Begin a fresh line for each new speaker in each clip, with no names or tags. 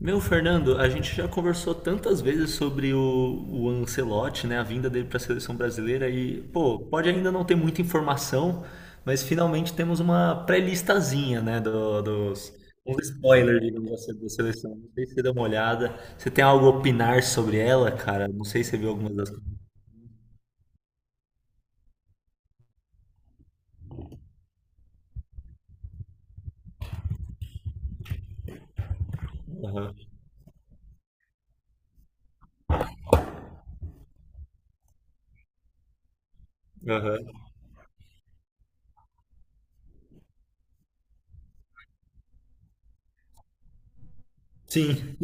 Meu, Fernando, a gente já conversou tantas vezes sobre o Ancelotti, né, a vinda dele para a seleção brasileira e, pô, pode ainda não ter muita informação, mas finalmente temos uma pré-listazinha, né, dos um spoiler, digamos assim, da seleção. Não sei se você deu uma olhada. Você tem algo a opinar sobre ela, cara? Não sei se você viu algumas das coisas. Aham, aham. Sim.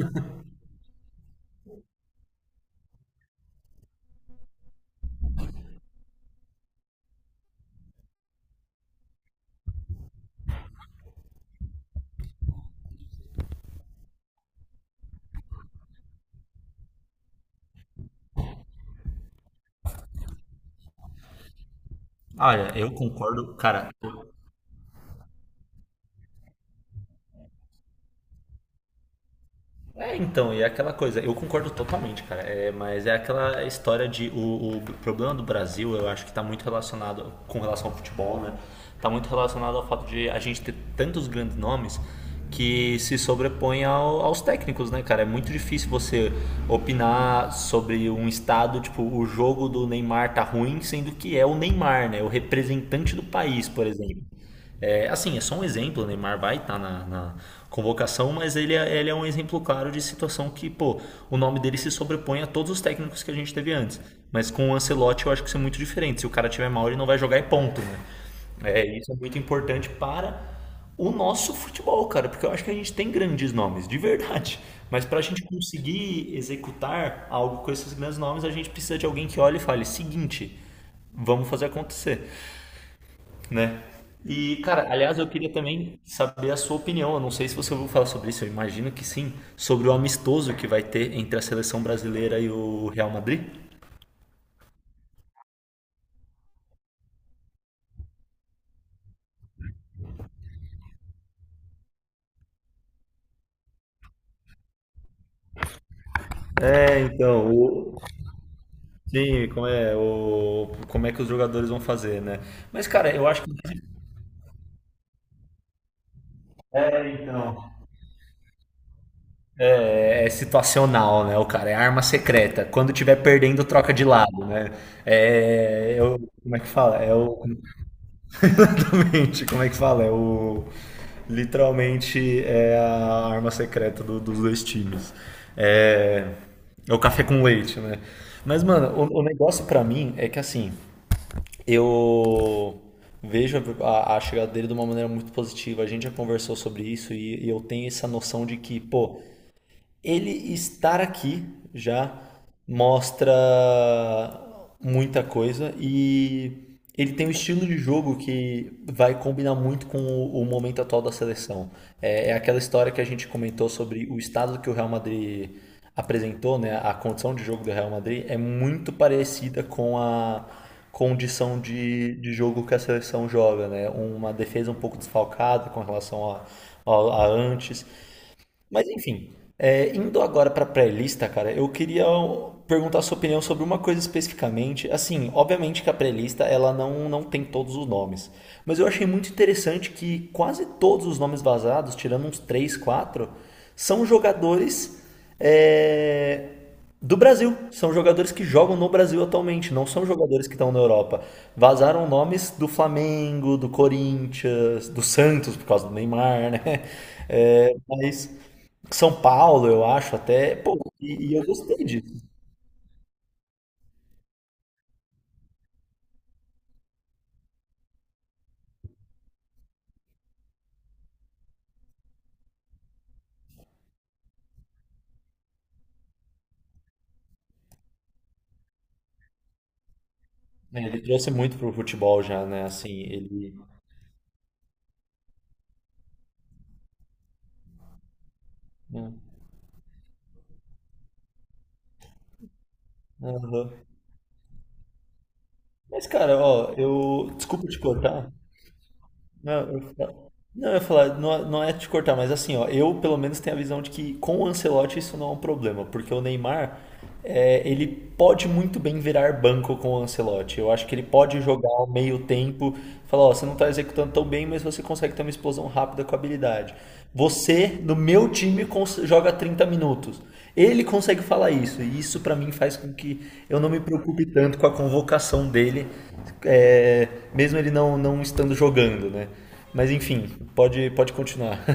Olha, eu concordo, cara. É, então, e é aquela coisa, eu concordo totalmente, cara, mas é aquela história de. O problema do Brasil, eu acho que está muito relacionado com relação ao futebol, né? Está muito relacionado ao fato de a gente ter tantos grandes nomes que se sobrepõe aos técnicos, né, cara? É muito difícil você opinar sobre um estado, tipo, o jogo do Neymar tá ruim, sendo que é o Neymar, né? O representante do país, por exemplo. É, assim, é só um exemplo, o Neymar vai estar na convocação, mas ele é um exemplo claro de situação que, pô, o nome dele se sobrepõe a todos os técnicos que a gente teve antes. Mas com o Ancelotti eu acho que isso é muito diferente. Se o cara tiver mal, ele não vai jogar e ponto, né? Isso é muito importante para o nosso futebol, cara, porque eu acho que a gente tem grandes nomes, de verdade. Mas para a gente conseguir executar algo com esses grandes nomes, a gente precisa de alguém que olhe e fale: seguinte, vamos fazer acontecer, né? E, cara, aliás, eu queria também saber a sua opinião. Eu não sei se você ouviu falar sobre isso, eu imagino que sim, sobre o amistoso que vai ter entre a seleção brasileira e o Real Madrid. É, então, sim, como é que os jogadores vão fazer, né? Mas, cara, eu acho que então, é situacional, né? O cara é arma secreta. Quando tiver perdendo, troca de lado, né? Como é que fala? É o. Exatamente, como é que fala? É o. Literalmente é a arma secreta dos dois times. É. É o café com leite, né? Mas, mano, o negócio pra mim é que assim, eu vejo a chegada dele de uma maneira muito positiva. A gente já conversou sobre isso e eu tenho essa noção de que, pô, ele estar aqui já mostra muita coisa e ele tem um estilo de jogo que vai combinar muito com o momento atual da seleção. É aquela história que a gente comentou sobre o estado que o Real Madrid apresentou, né? A condição de jogo do Real Madrid é muito parecida com a condição de jogo que a seleção joga, né? Uma defesa um pouco desfalcada com relação a antes, mas enfim, indo agora para pré-lista, cara, eu queria perguntar a sua opinião sobre uma coisa especificamente. Assim, obviamente que a pré-lista ela não tem todos os nomes, mas eu achei muito interessante que quase todos os nomes vazados, tirando uns 3 4, são jogadores é, do Brasil. São jogadores que jogam no Brasil atualmente, não são jogadores que estão na Europa. Vazaram nomes do Flamengo, do Corinthians, do Santos, por causa do Neymar, né? É, mas. São Paulo, eu acho, até. Pô, e eu gostei disso. Né? Ele trouxe muito pro futebol já, né? Assim, ele. Né? Aham. Mas, cara, ó, eu. Desculpa te cortar. Não, eu- Não, eu ia falar, não, não é te cortar, mas assim, ó, eu pelo menos tenho a visão de que com o Ancelotti isso não é um problema, porque o Neymar, ele pode muito bem virar banco com o Ancelotti. Eu acho que ele pode jogar ao meio tempo, falar, ó, você não tá executando tão bem, mas você consegue ter uma explosão rápida com habilidade. Você, no meu time, joga 30 minutos. Ele consegue falar isso, e isso pra mim faz com que eu não me preocupe tanto com a convocação dele, é, mesmo ele não estando jogando, né? Mas enfim, pode continuar.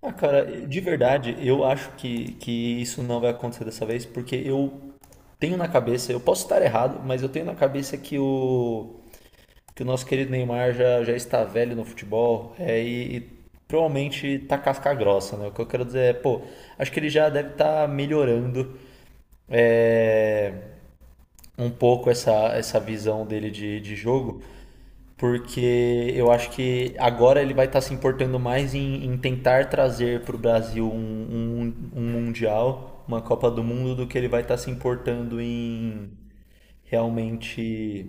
Ah, cara, de verdade, eu acho que isso não vai acontecer dessa vez, porque eu tenho na cabeça, eu posso estar errado, mas eu tenho na cabeça que o nosso querido Neymar já está velho no futebol e provavelmente tá casca grossa, né? O que eu quero dizer é, pô, acho que ele já deve estar melhorando, é, um pouco essa visão dele de jogo. Porque eu acho que agora ele vai estar se importando mais em tentar trazer para o Brasil um Mundial, uma Copa do Mundo, do que ele vai estar se importando em realmente.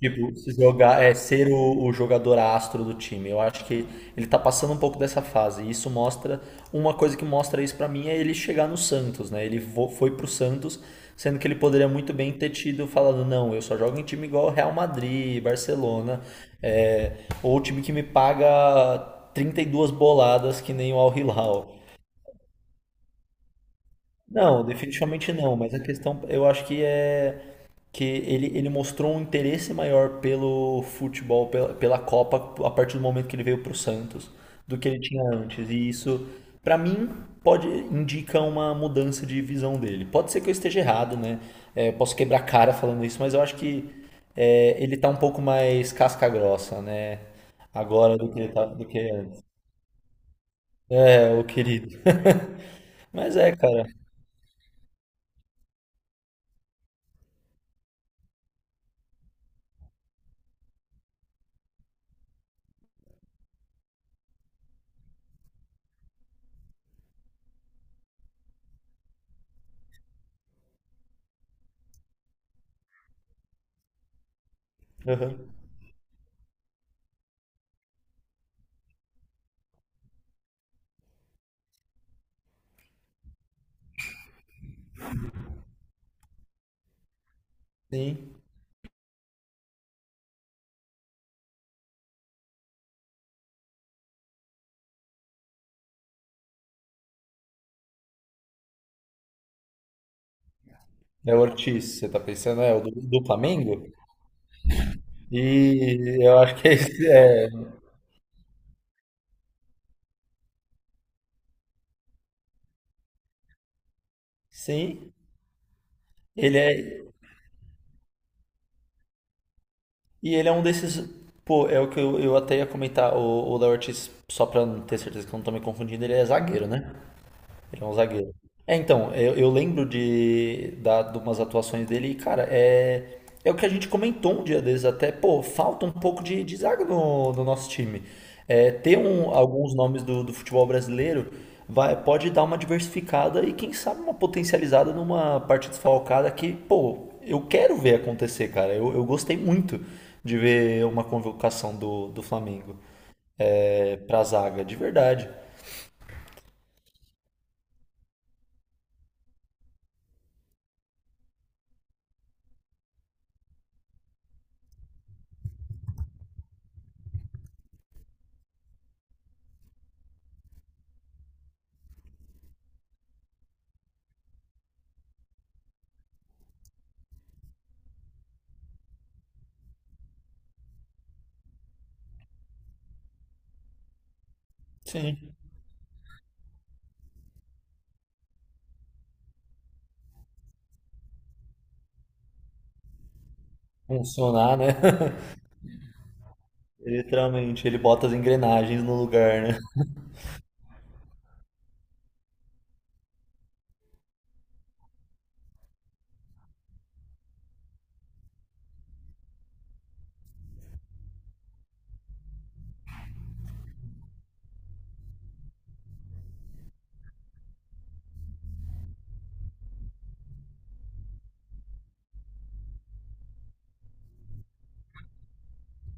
Tipo, se jogar, é ser o jogador astro do time. Eu acho que ele tá passando um pouco dessa fase. E isso mostra. Uma coisa que mostra isso pra mim é ele chegar no Santos, né? Ele foi pro Santos, sendo que ele poderia muito bem ter tido falado, não, eu só jogo em time igual Real Madrid, Barcelona, é, ou time que me paga 32 boladas que nem o Al Hilal. Não, definitivamente não, mas a questão eu acho que é que ele mostrou um interesse maior pelo futebol, pela Copa, a partir do momento que ele veio para o Santos, do que ele tinha antes. E isso, para mim, pode indica uma mudança de visão dele. Pode ser que eu esteja errado, né? É, eu posso quebrar a cara falando isso, mas eu acho que, ele tá um pouco mais casca grossa, né? Agora do que, do que antes. É, o querido. Mas é, cara. Aham. Sim. É o Ortiz, você tá pensando, é o do Flamengo? E eu acho que esse é. Sim, ele é. E ele é um desses. Pô, é o que eu até ia comentar. O Léo Ortiz, só pra ter certeza que eu não tô me confundindo, ele é zagueiro, né? Ele é um zagueiro. É, então, eu lembro de umas atuações dele e, cara, é o que a gente comentou um dia desses até, pô, falta um pouco de zaga no nosso time. É, ter alguns nomes do futebol brasileiro pode dar uma diversificada e, quem sabe, uma potencializada numa parte desfalcada que, pô, eu quero ver acontecer, cara. Eu gostei muito de ver uma convocação do Flamengo, pra zaga, de verdade. Sim, funcionar, né? Literalmente, ele bota as engrenagens no lugar, né?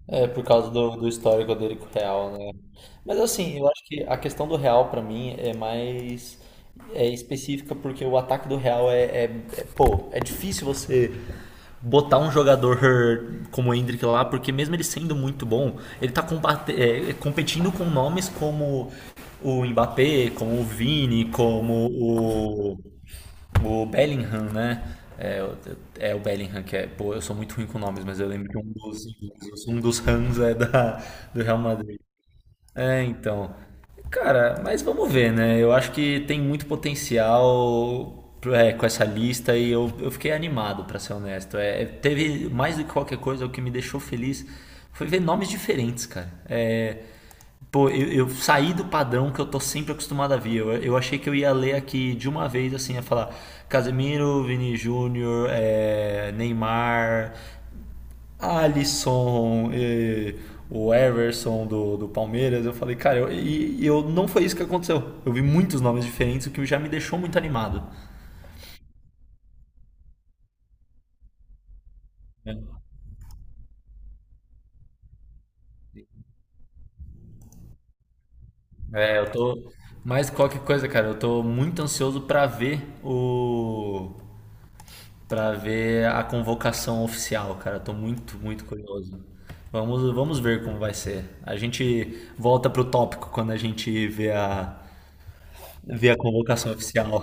É, por causa do histórico dele com o Real, né? Mas assim, eu acho que a questão do Real pra mim é mais específica, porque o ataque do Real pô, é difícil você botar um jogador como o Endrick lá, porque mesmo ele sendo muito bom, ele tá combate, competindo com nomes como o Mbappé, como o Vini, como o Bellingham, né? É, o- é o Bellingham que é. Pô, eu sou muito ruim com nomes, mas eu lembro que um dos Rams é do Real Madrid. É, então. Cara, mas vamos ver, né? Eu acho que tem muito potencial, com essa lista e eu fiquei animado, pra ser honesto. Teve mais do que qualquer coisa, o que me deixou feliz foi ver nomes diferentes, cara. Pô, eu saí do padrão que eu tô sempre acostumado a ver. Eu achei que eu ia ler aqui de uma vez, assim, ia falar Casemiro, Vini Júnior, Neymar, Alisson, e o Everson do Palmeiras. Eu falei, cara, eu não foi isso que aconteceu. Eu vi muitos nomes diferentes, o que já me deixou muito animado. Né? Eu tô. Mais que qualquer coisa, cara, eu tô muito ansioso pra ver o, pra ver a convocação oficial, cara. Eu tô muito, muito curioso. Vamos ver como vai ser. A gente volta pro tópico quando a gente vê a convocação oficial.